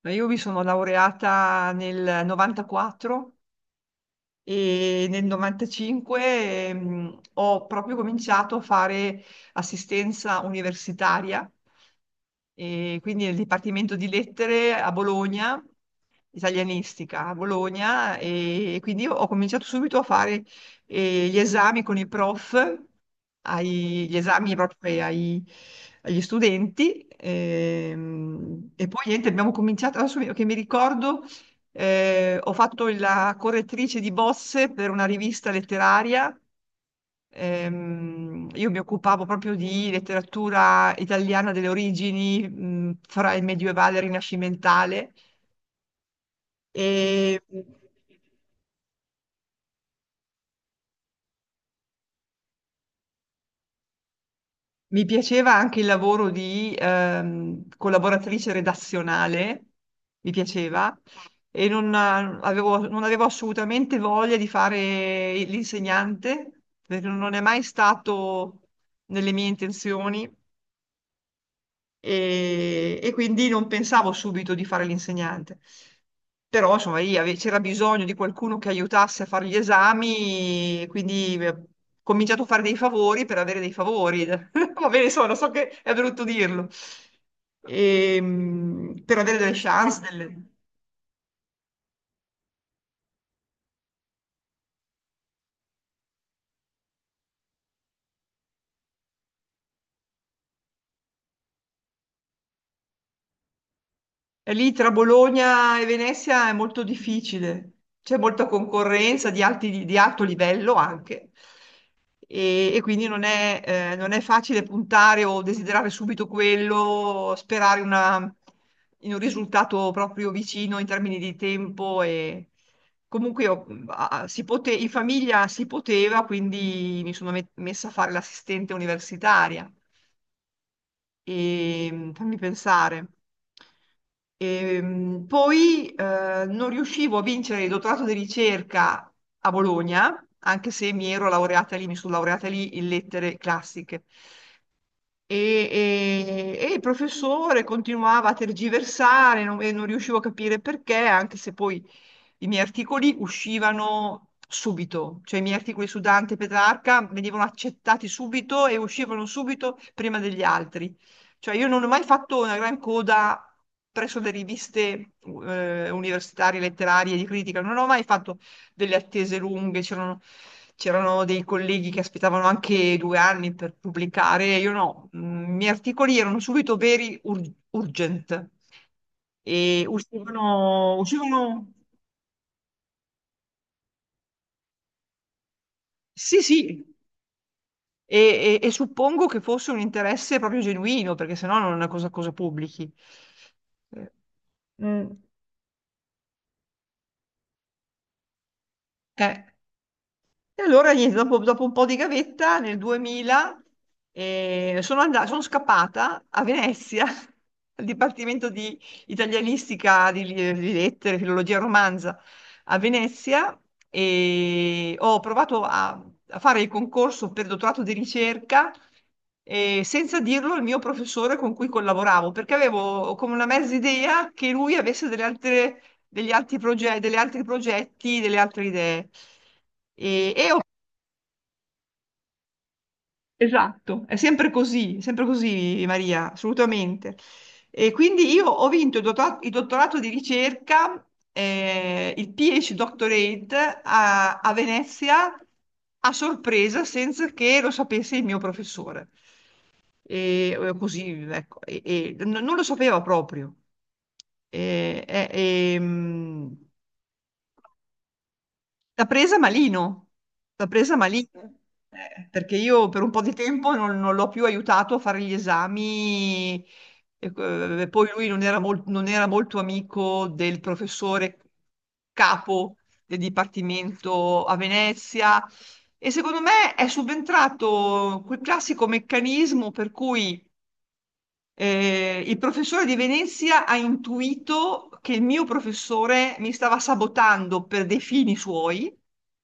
Ma io mi sono laureata nel 94 e nel 95, ho proprio cominciato a fare assistenza universitaria, e quindi nel Dipartimento di Lettere a Bologna, italianistica a Bologna. E quindi ho cominciato subito a fare gli esami con i prof, gli esami proprio agli studenti, e poi niente, abbiamo cominciato. Adesso, che mi ricordo, ho fatto la correttrice di bozze per una rivista letteraria. Io mi occupavo proprio di letteratura italiana delle origini, fra il medievale e il rinascimentale, e mi piaceva anche il lavoro di collaboratrice redazionale, mi piaceva. E non non avevo assolutamente voglia di fare l'insegnante, perché non è mai stato nelle mie intenzioni. E quindi non pensavo subito di fare l'insegnante. Però insomma lì c'era bisogno di qualcuno che aiutasse a fare gli esami, quindi ho cominciato a fare dei favori per avere dei favori. Va bene, insomma, non so, che è brutto dirlo. Per avere delle chance, delle. E lì tra Bologna e Venezia è molto difficile, c'è molta concorrenza di alto livello anche. E quindi non è, non è facile puntare o desiderare subito quello, sperare in un risultato proprio vicino in termini di tempo. E comunque io, in famiglia si poteva, quindi mi sono messa a fare l'assistente universitaria. E fammi pensare. E, poi non riuscivo a vincere il dottorato di ricerca a Bologna, anche se mi ero laureata lì, mi sono laureata lì in lettere classiche. E, e il professore continuava a tergiversare, e non riuscivo a capire perché, anche se poi i miei articoli uscivano subito, cioè i miei articoli su Dante e Petrarca venivano accettati subito e uscivano subito prima degli altri. Cioè io non ho mai fatto una gran coda presso le riviste universitarie, letterarie, di critica. Non ho mai fatto delle attese lunghe. C'erano dei colleghi che aspettavano anche due anni per pubblicare, io no. I miei articoli erano subito veri urgent e uscivano, uscivano. Sì, sì, e, e suppongo che fosse un interesse proprio genuino, perché sennò non è una cosa, cosa pubblichi. Eh, Mm. eh. E allora, niente, dopo, dopo un po' di gavetta, nel 2000, sono andata, sono scappata a Venezia, al Dipartimento di Italianistica, di Lettere, Filologia e Romanza, a Venezia. E ho provato a fare il concorso per dottorato di ricerca, senza dirlo al mio professore con cui collaboravo, perché avevo come una mezza idea che lui avesse delle altre degli altri progetti, delle altre idee. E, e ho- esatto, è sempre così, Maria, assolutamente. E quindi io ho vinto il dottorato di ricerca, il PhD Doctorate a Venezia, a sorpresa senza che lo sapesse il mio professore. E così, ecco, non lo sapeva proprio. E, e- e, mm, L'ha presa malino, l'ha presa malino, perché io per un po' di tempo non l'ho più aiutato a fare gli esami. E, poi lui non era molto amico del professore capo del dipartimento a Venezia. E secondo me è subentrato quel classico meccanismo per cui il professore di Venezia ha intuito che il mio professore mi stava sabotando per dei fini suoi,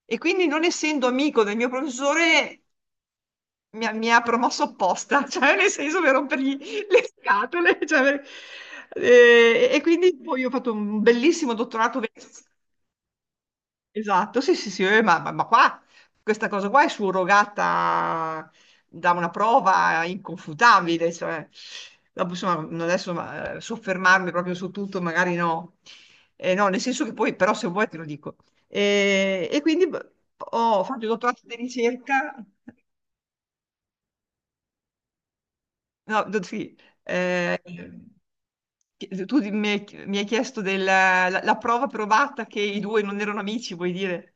e quindi, non essendo amico del mio professore, mi ha promosso apposta, cioè nel senso per rompergli le scatole. Cioè, e quindi poi ho fatto un bellissimo dottorato veneziano. Esatto, sì, sì, sì, ma qua, questa cosa qua è surrogata da una prova inconfutabile, cioè. Dopo, insomma, non adesso, ma soffermarmi proprio su tutto magari no. No, nel senso che poi, però se vuoi te lo dico. E quindi beh, ho fatto il dottorato di ricerca. No, sì. eh, chi- tu di- mi hai chiesto la prova provata che i due non erano amici, vuoi dire?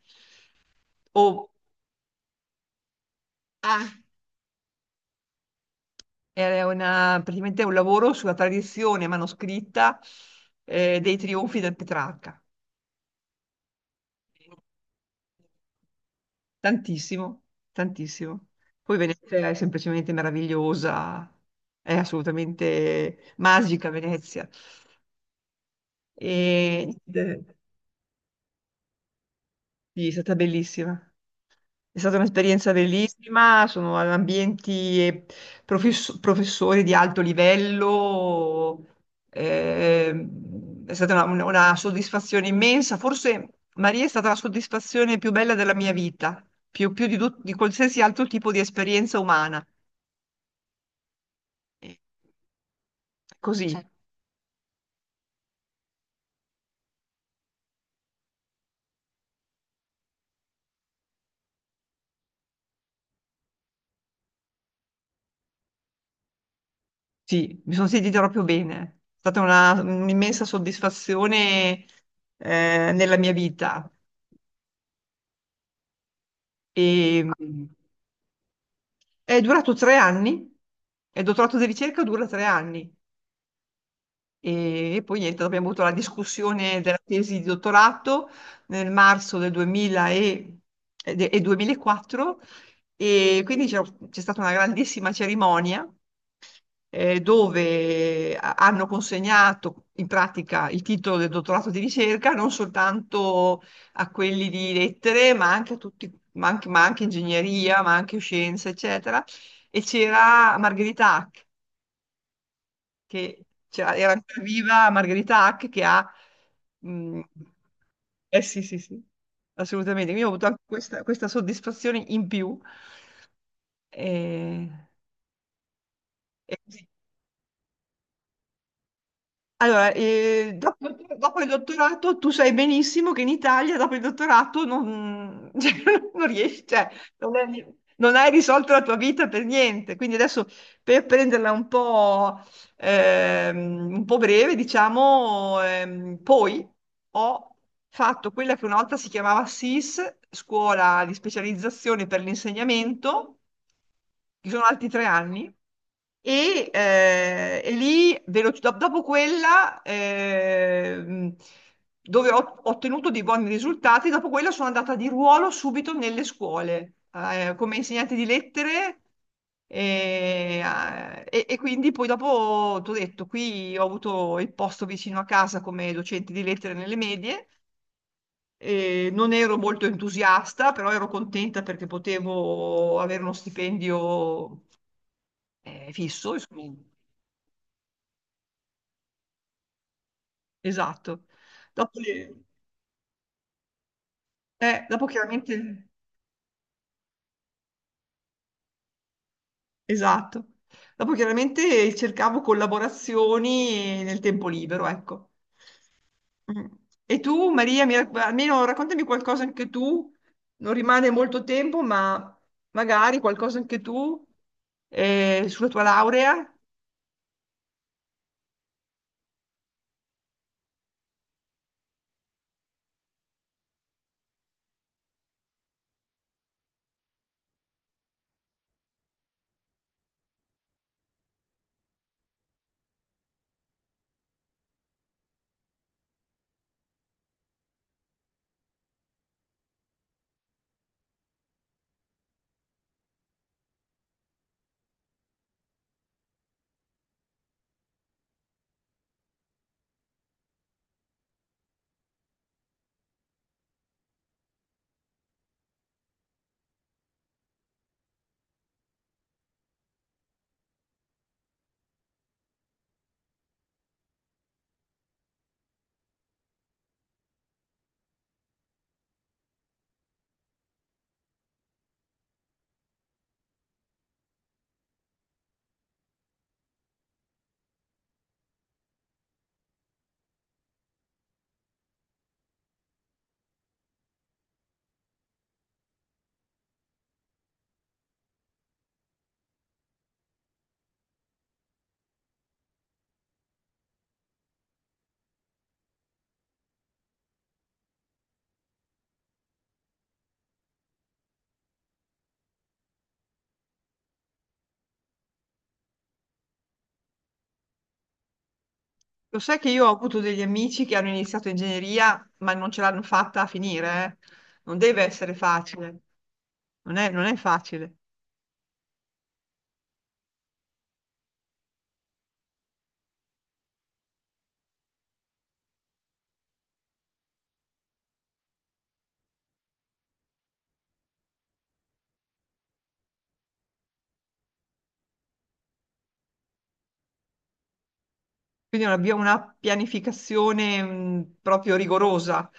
O- ah, Era praticamente un lavoro sulla tradizione manoscritta dei trionfi del Petrarca. Tantissimo, tantissimo. Poi Venezia è semplicemente meravigliosa, è assolutamente magica Venezia. E sì, è stata bellissima. È stata un'esperienza bellissima, sono ad ambienti e professori di alto livello. eh, è stata una soddisfazione immensa. Forse Maria è stata la soddisfazione più bella della mia vita, più, più di qualsiasi altro tipo di esperienza umana. E così, certo. Sì, mi sono sentita proprio bene. È stata un'immensa soddisfazione, nella mia vita. E, È durato tre anni, il dottorato di ricerca dura tre anni, e poi niente, dopo abbiamo avuto la discussione della tesi di dottorato nel marzo del 2000 e 2004. E quindi c'è stata una grandissima cerimonia, dove hanno consegnato in pratica il titolo del dottorato di ricerca non soltanto a quelli di lettere, ma anche a tutti, ma anche ingegneria, ma anche scienze, eccetera. E c'era Margherita Hack, che era ancora viva Margherita Hack, che ha. mh, eh sì, sì, sì, assolutamente. Quindi ho avuto anche questa soddisfazione in più. Eh, E, Allora, dopo il dottorato tu sai benissimo che in Italia dopo il dottorato non, cioè, non riesci, cioè, non è- non hai risolto la tua vita per niente. Quindi adesso per prenderla un po' breve, diciamo, poi ho fatto quella che una volta si chiamava SIS, scuola di specializzazione per l'insegnamento, che sono altri tre anni. E lì, dopo quella, dove ho ottenuto dei buoni risultati. Dopo quella sono andata di ruolo subito nelle scuole, come insegnante di lettere, e quindi poi dopo ti ho detto, qui ho avuto il posto vicino a casa come docente di lettere nelle medie. E non ero molto entusiasta, però ero contenta perché potevo avere uno stipendio fisso, insomma. Esatto. Dopo, dopo chiaramente, esatto. Dopo chiaramente cercavo collaborazioni nel tempo libero, ecco. Mm. E tu, Maria, almeno raccontami qualcosa anche tu. Non rimane molto tempo, ma magari qualcosa anche tu sulla tua laurea. Lo sai che io ho avuto degli amici che hanno iniziato ingegneria, ma non ce l'hanno fatta a finire, eh. Non deve essere facile. Non è facile. Quindi abbiamo una pianificazione, proprio rigorosa.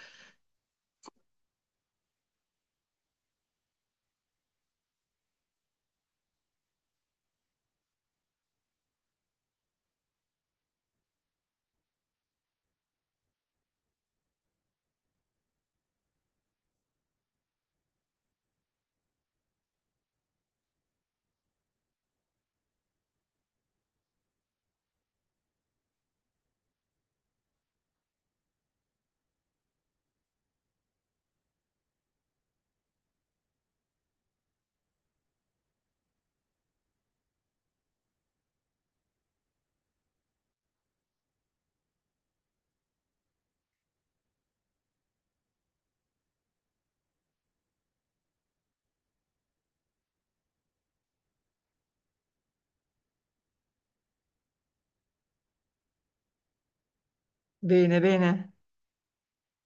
Bene, bene,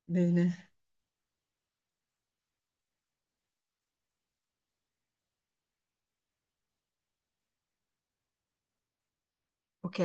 bene. Ok.